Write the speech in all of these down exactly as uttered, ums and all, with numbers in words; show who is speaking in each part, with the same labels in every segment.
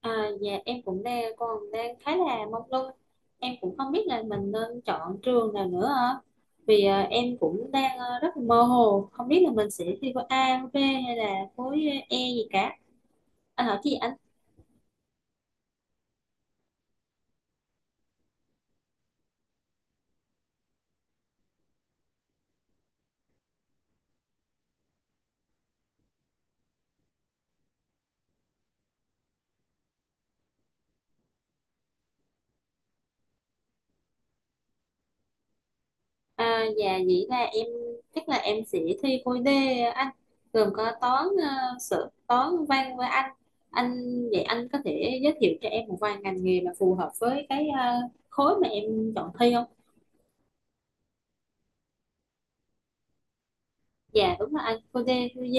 Speaker 1: À, dạ em cũng đang còn đang khá là mông lung, em cũng không biết là mình nên chọn trường nào nữa ạ. Vì à, em cũng đang à, rất là mơ hồ, không biết là mình sẽ thi khối A, khối B hay là khối E gì cả. Anh hỏi chị anh. À, dạ vậy là em chắc là em sẽ thi khối D anh, gồm có toán uh, sự toán văn với anh anh. Vậy anh có thể giới thiệu cho em một vài ngành nghề mà phù hợp với cái à, khối mà em chọn thi không? Dạ đúng là anh, khối D, khối D.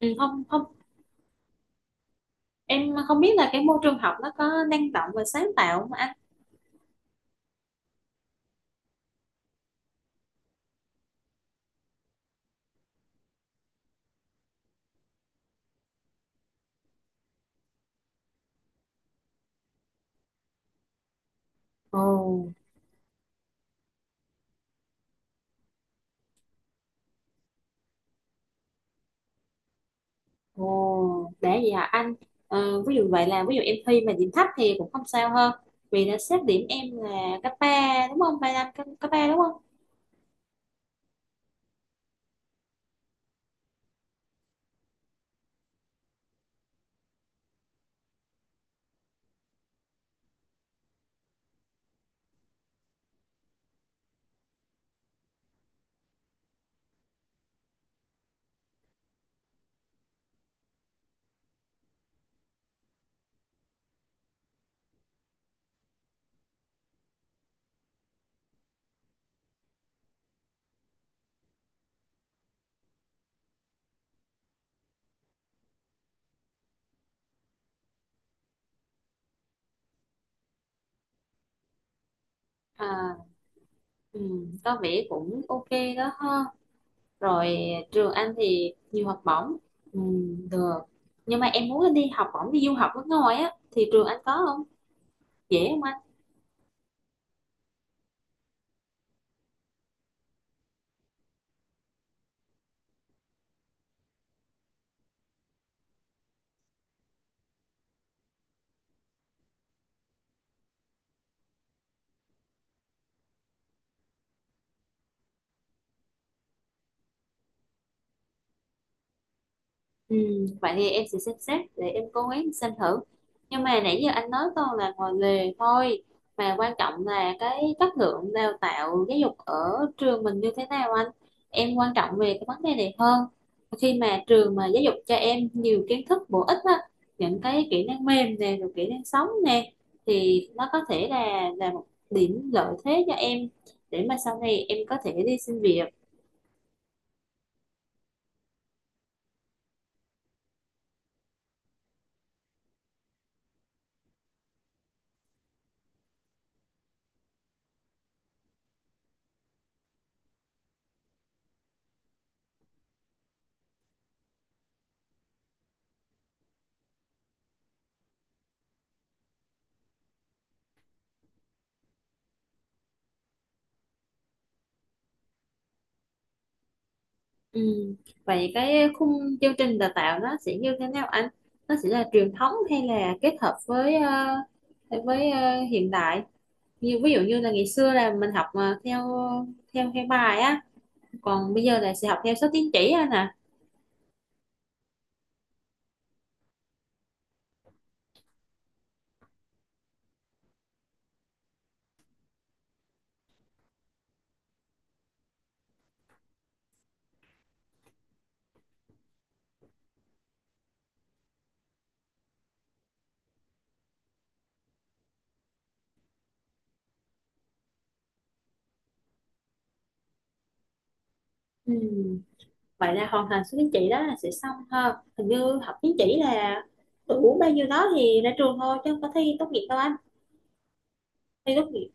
Speaker 1: Ừ, không không, em không biết là cái môi trường học nó có năng động và sáng tạo không anh? Ồ. Ồ để vậy hả anh? Ờ, ví dụ vậy là ví dụ em thi mà điểm thấp thì cũng không sao hơn, vì đã xếp điểm em là cấp ba đúng không, ba năm cấp, cấp ba đúng không? À, ừ, có vẻ cũng ok đó ha. Rồi, trường anh thì nhiều học bổng, ừ, được, nhưng mà em muốn đi học bổng đi du học nước ngoài á thì trường anh có không, dễ không? Ừ, vậy thì em sẽ xem xét để em cố gắng xem thử, nhưng mà nãy giờ anh nói toàn là ngoài lề thôi, mà quan trọng là cái chất lượng đào tạo giáo dục ở trường mình như thế nào anh. Em quan trọng về cái vấn đề này hơn. Khi mà trường mà giáo dục cho em nhiều kiến thức bổ ích á, những cái kỹ năng mềm nè, rồi kỹ năng sống nè, thì nó có thể là là một điểm lợi thế cho em để mà sau này em có thể đi xin việc. Ừ. Vậy cái khung chương trình đào tạo nó sẽ như thế nào anh? Nó sẽ là truyền thống hay là kết hợp với ờ, với ờ, hiện đại? Như ví dụ như là ngày xưa là mình học mà theo theo theo bài á, còn bây giờ là sẽ học theo số tín chỉ anh à. Ừ. Vậy là hoàn thành số tín chỉ đó là sẽ xong ha. Hình như học tín chỉ là đủ bao nhiêu đó thì ra trường thôi chứ không có thi tốt nghiệp đâu anh. Thi tốt nghiệp.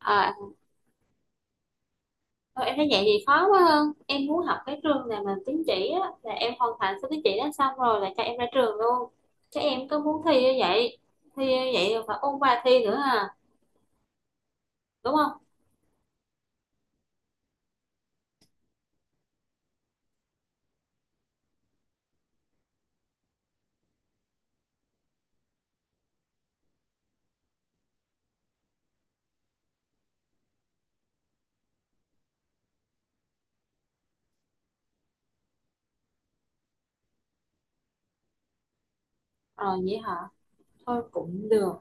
Speaker 1: À, thôi em thấy vậy thì khó quá hơn. Em muốn học cái trường nào mà tín chỉ á, là em hoàn thành số tín chỉ đó xong rồi là cho em ra trường luôn. Chứ em cứ muốn thi như vậy, thi như vậy là phải ôn bài thi nữa à, đúng không? Rồi vậy hả? Thôi cũng được,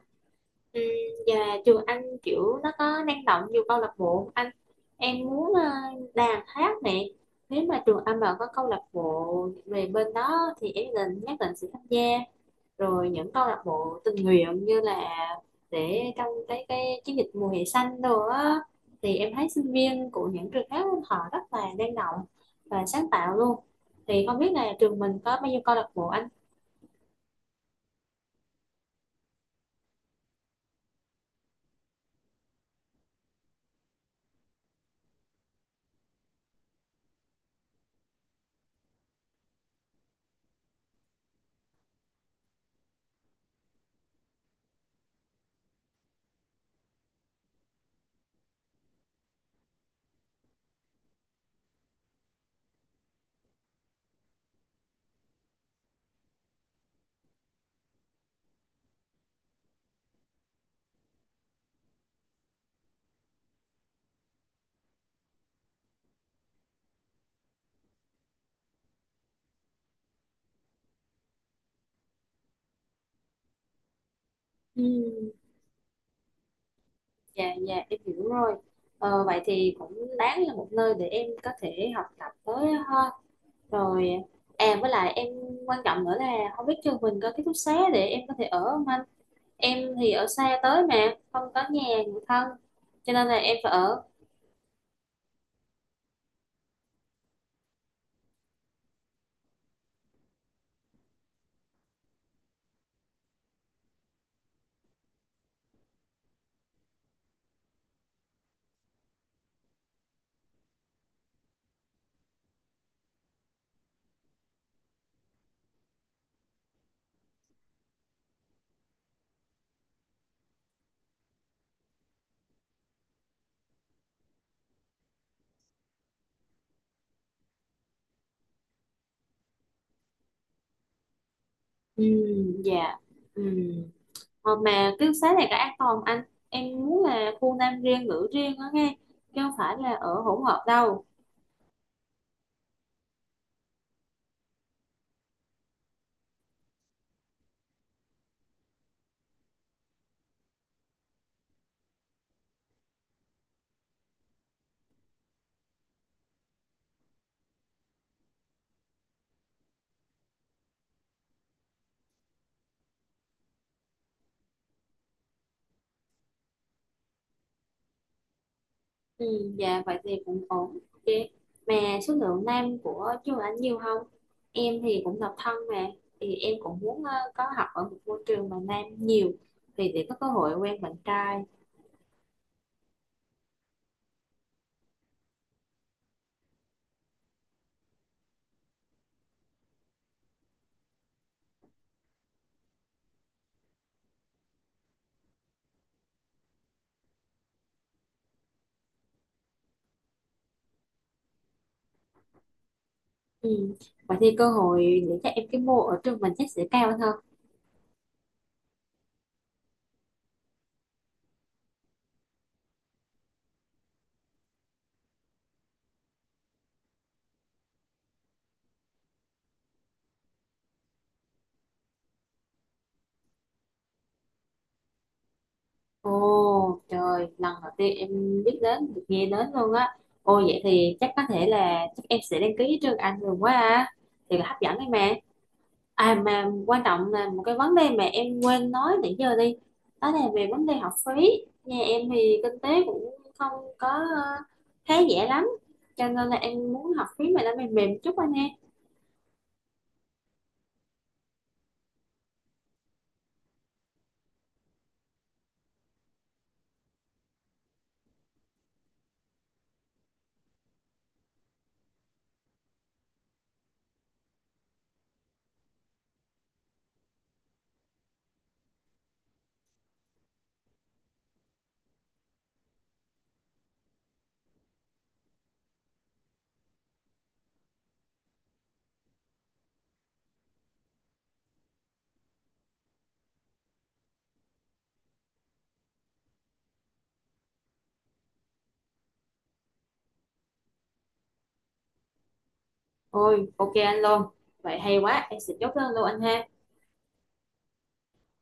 Speaker 1: ừ. Và trường anh kiểu nó có năng động nhiều câu lạc bộ không anh? Em muốn ờ, đàn hát nè. Nếu mà trường anh mà có câu lạc bộ về bên đó thì em định nhất định sẽ tham gia, rồi những câu lạc bộ tình nguyện, như là để trong cái cái chiến dịch mùa hè xanh đồ á, thì em thấy sinh viên của những trường khác họ rất là năng động và sáng tạo luôn. Thì không biết là trường mình có bao nhiêu câu lạc bộ anh? Ừ, dạ dạ em hiểu rồi. Ờ, vậy thì cũng đáng là một nơi để em có thể học tập tới ha. Rồi, à với lại em quan trọng nữa là không biết trường mình có ký túc xá để em có thể ở không anh. Em thì ở xa tới mà không có nhà người thân, cho nên là em phải ở. Ừ. Dạ. Ừ. Ờ, mà ký túc xá này có an toàn anh? Em muốn là khu nam riêng nữ riêng đó nghe, chứ không phải là ở hỗn hợp đâu. Ừ. Dạ vậy thì cũng ổn, ok. Mà số lượng nam của trường anh nhiều không? Em thì cũng độc thân mà, thì em cũng muốn ờ, có học ở một môi trường mà nam nhiều, thì để có cơ hội quen bạn trai. Ừ. Vậy thì cơ hội để cho em cái mô ở trường mình chắc sẽ cao hơn. Ồ trời, lần đầu tiên em biết đến, được nghe đến luôn á. Ồ vậy thì chắc có thể là chắc em sẽ đăng ký trường Anh luôn quá à. Thì là hấp dẫn đấy mà. À mà quan trọng là một cái vấn đề mà em quên nói nãy giờ đi. Đó là về vấn đề học phí. Nhà em thì kinh tế cũng không có ờ, khá giả lắm. Cho nên là em muốn học phí mà nó mềm mềm chút anh ha. Ôi ok anh luôn. Vậy hay quá, em sẽ chốt đơn luôn anh ha.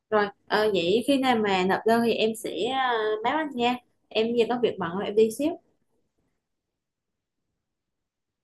Speaker 1: Rồi, ờ, vậy khi nào mà nộp đơn thì em sẽ ờ, báo anh nha. Em giờ có việc bận rồi, em đi xíu.